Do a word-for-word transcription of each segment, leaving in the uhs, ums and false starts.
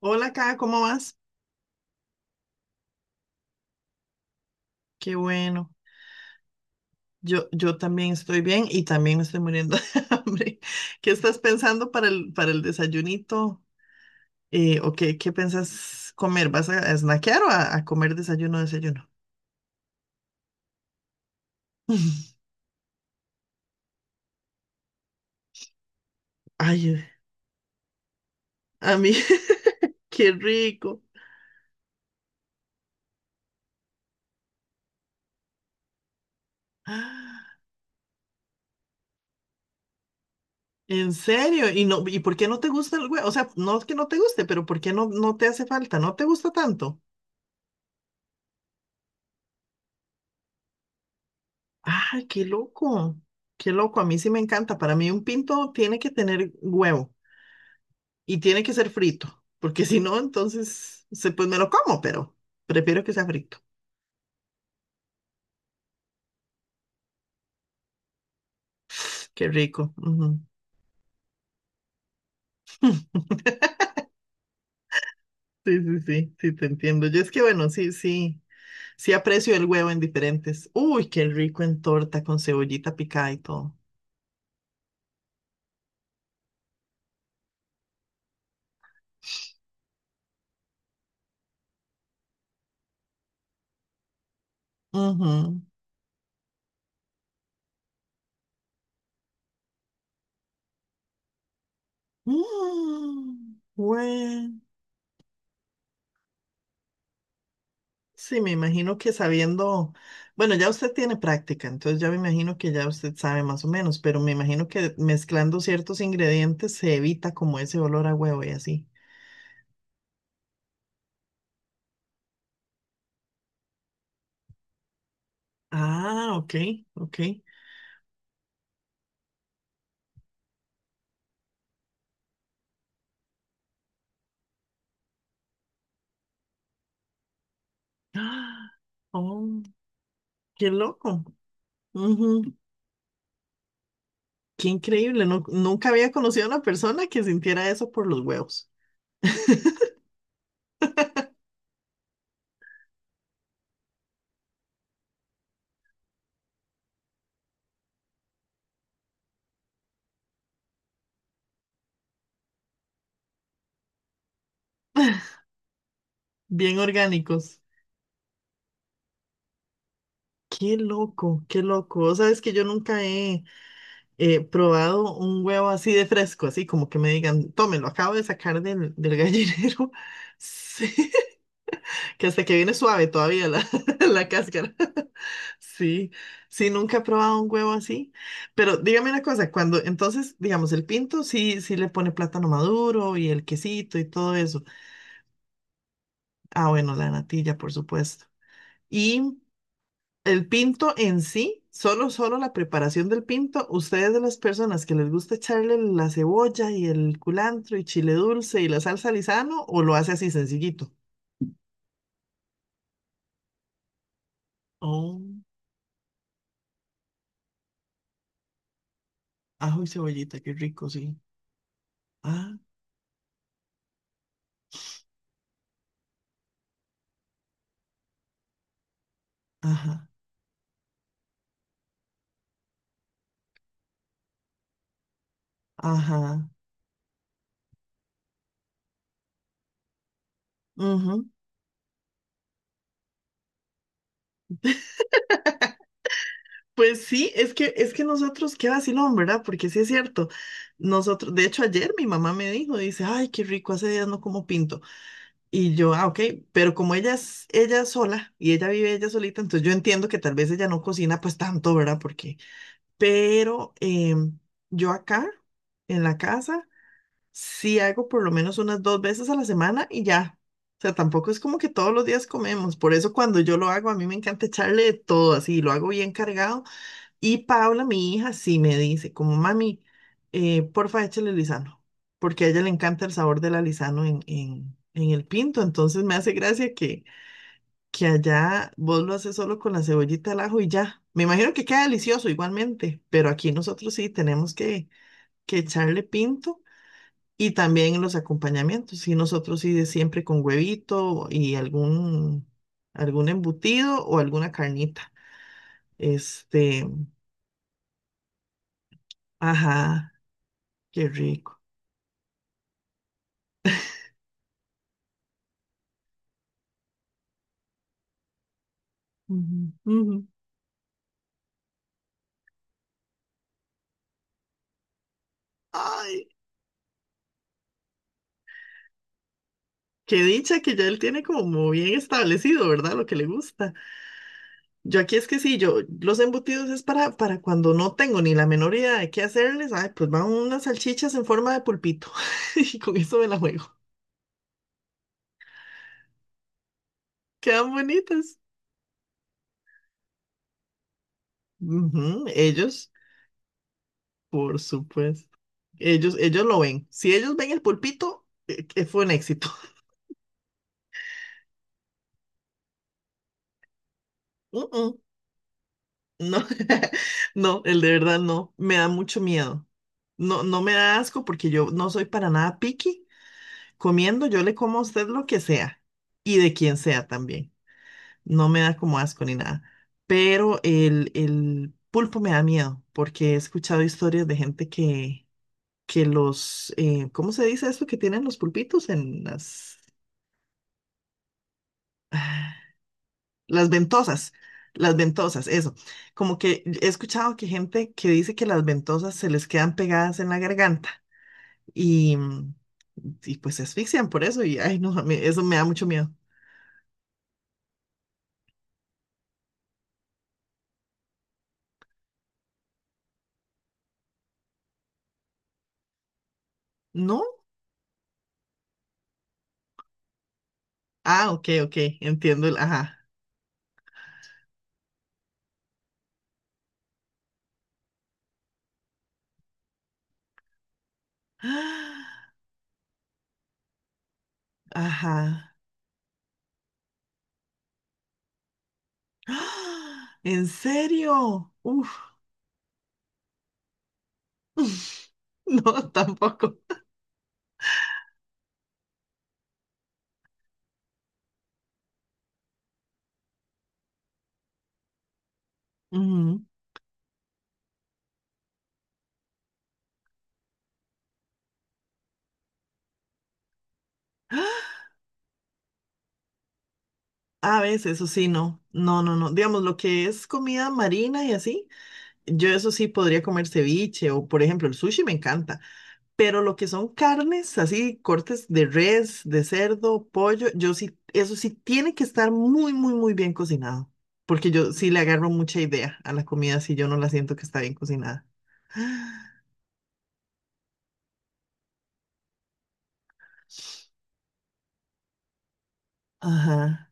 Hola, acá, ¿cómo vas? Qué bueno. Yo, yo también estoy bien y también me estoy muriendo de hambre. ¿Qué estás pensando para el, para el desayunito? Eh, ¿o qué, qué piensas comer? ¿Vas a, a snackear o a, a comer desayuno, desayuno? Ay, eh, a mí, qué rico. Ah, ¿en serio? ¿Y no, y por qué no te gusta el huevo? O sea, no es que no te guste, pero ¿por qué no, no te hace falta? ¿No te gusta tanto? Ay, qué loco. Qué loco. A mí sí me encanta. Para mí un pinto tiene que tener huevo. Y tiene que ser frito, porque si no, entonces se, pues me lo como, pero prefiero que sea frito. Qué rico. Ujú. Sí, sí, sí, sí, te entiendo. Yo es que, bueno, sí, sí, sí aprecio el huevo en diferentes. Uy, qué rico en torta con cebollita picada y todo. Ujú. Mm, bueno. Sí, me imagino que sabiendo, bueno, ya usted tiene práctica, entonces ya me imagino que ya usted sabe más o menos, pero me imagino que mezclando ciertos ingredientes se evita como ese olor a huevo y así. Ah, ok, ok. ¡Ah! Oh, qué loco. Ujú. Qué increíble, nu- nunca había conocido a una persona que sintiera eso por los huevos. Bien orgánicos. Qué loco, qué loco. Vos sabés que yo nunca he eh, probado un huevo así de fresco, así como que me digan, tómelo, acabo de sacar del, del gallinero. Sí, que hasta que viene suave todavía la, la cáscara. Sí, sí, nunca he probado un huevo así. Pero dígame una cosa, cuando entonces, digamos, el pinto sí, sí le pone plátano maduro y el quesito y todo eso. Ah, bueno, la natilla, por supuesto. Y el pinto en sí, solo, solo la preparación del pinto, ustedes de las personas que les gusta echarle la cebolla y el culantro y chile dulce y la salsa Lizano, o lo hace así sencillito. Oh, ajo y cebollita, qué rico, sí. Ah, ajá, ajá. Ujú. Pues sí, es que, es que nosotros, qué vacilón, ¿verdad? Porque sí es cierto. Nosotros, de hecho, ayer mi mamá me dijo, dice, ay, qué rico, hace días no como pinto. Y yo, ah, ok, pero como ella es ella es sola y ella vive ella solita, entonces yo entiendo que tal vez ella no cocina pues tanto, ¿verdad? Porque, pero em, yo acá en la casa sí hago por lo menos unas dos veces a la semana y ya. O sea, tampoco es como que todos los días comemos. Por eso cuando yo lo hago, a mí me encanta echarle de todo así, lo hago bien cargado y Paula, mi hija, sí me dice, como mami, eh, porfa, échale lisano, porque a ella le encanta el sabor del alisano en, en, en el pinto. Entonces me hace gracia que, que allá vos lo haces solo con la cebollita al ajo y ya. Me imagino que queda delicioso igualmente, pero aquí nosotros sí tenemos que, que echarle pinto y también los acompañamientos. Y nosotros sí de siempre con huevito y algún, algún embutido o alguna carnita. Este, ajá, qué rico. Ujú, ujú. Ay, qué dicha que ya él tiene como bien establecido, ¿verdad? Lo que le gusta. Yo aquí es que sí, yo los embutidos es para, para cuando no tengo ni la menor idea de qué hacerles. Ay, pues van unas salchichas en forma de pulpito y con eso me la juego. Quedan bonitas. Ujú. Ellos, por supuesto. Ellos, ellos lo ven. Si ellos ven el pulpito, eh, que fue un éxito. Mm, mm. No, no, el de verdad no, me da mucho miedo. No, no me da asco porque yo no soy para nada picky. Comiendo, yo le como a usted lo que sea y de quien sea también. No me da como asco ni nada. Pero el, el pulpo me da miedo porque he escuchado historias de gente que, que los, eh, ¿cómo se dice esto que tienen los pulpitos en las Las ventosas, las ventosas, eso? Como que he escuchado que gente que dice que las ventosas se les quedan pegadas en la garganta y, mm, y pues se asfixian por eso y ay, no, me- eso me da mucho miedo. ¿No? Ah, ok, ok, entiendo el, ajá. Ah, ajá. Ah, ¿en serio? Uf. No, tampoco. Ujú. A veces, eso sí, no. No, no, no. Digamos, lo que es comida marina y así. Yo eso sí podría comer ceviche o, por ejemplo, el sushi me encanta, pero lo que son carnes, así cortes de res, de cerdo, pollo, yo sí, eso sí tiene que estar muy, muy, muy bien cocinado, porque yo sí le agarro mucha idea a la comida si yo no la siento que está bien cocinada. Ajá.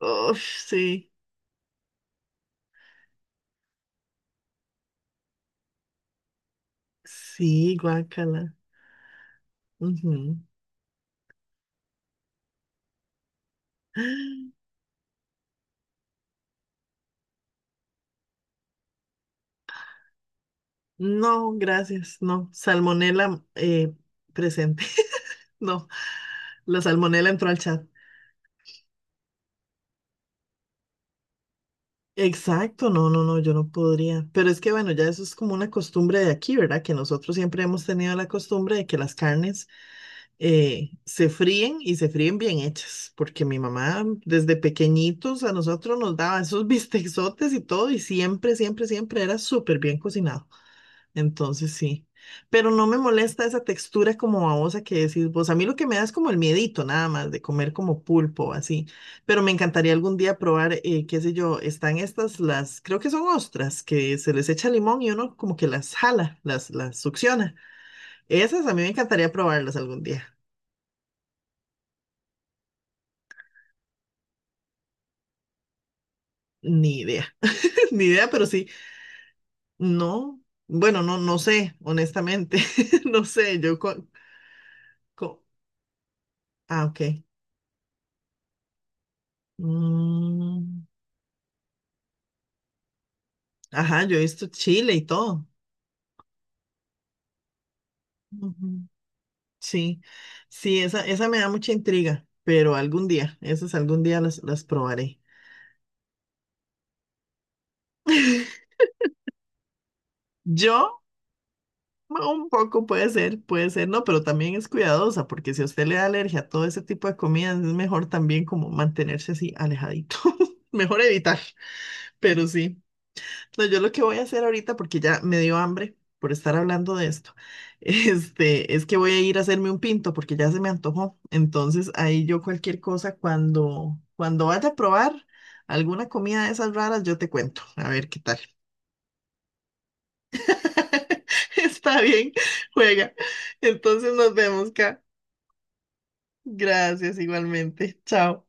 Uf, sí, sí, guácala. Ujú. No, gracias, no. Salmonela eh, presente. No, la salmonela entró al chat. Exacto, no, no, no, yo no podría. Pero es que bueno, ya eso es como una costumbre de aquí, ¿verdad? Que nosotros siempre hemos tenido la costumbre de que las carnes eh, se fríen y se fríen bien hechas, porque mi mamá desde pequeñitos a nosotros nos daba esos bisteczotes y todo y siempre, siempre, siempre era súper bien cocinado. Entonces sí, pero no me molesta esa textura como babosa que decís vos. A mí lo que me da es como el miedito nada más de comer como pulpo así, pero me encantaría algún día probar, eh, qué sé yo, están estas, las, creo que son ostras, que se les echa limón y uno como que las jala, las, las succiona. Esas a mí me encantaría probarlas algún día. Ni idea, ni idea, pero sí, no, bueno, no, no sé, honestamente, no sé, yo... co- co- ah, ok. Mm. Ajá, yo he visto Chile y todo. Ujú. Sí, sí, esa, esa me da mucha intriga, pero algún día, esas algún día las, las probaré. Yo, un poco puede ser, puede ser, no, pero también es cuidadosa, porque si a usted le da alergia a todo ese tipo de comidas, es mejor también como mantenerse así alejadito. Mejor evitar, pero sí. No, yo lo que voy a hacer ahorita, porque ya me dio hambre por estar hablando de esto, este, es que voy a ir a hacerme un pinto porque ya se me antojó. Entonces ahí yo cualquier cosa, cuando, cuando vaya a probar alguna comida de esas raras, yo te cuento. A ver qué tal. Está bien, juega. Entonces nos vemos acá. Gracias igualmente. Chao.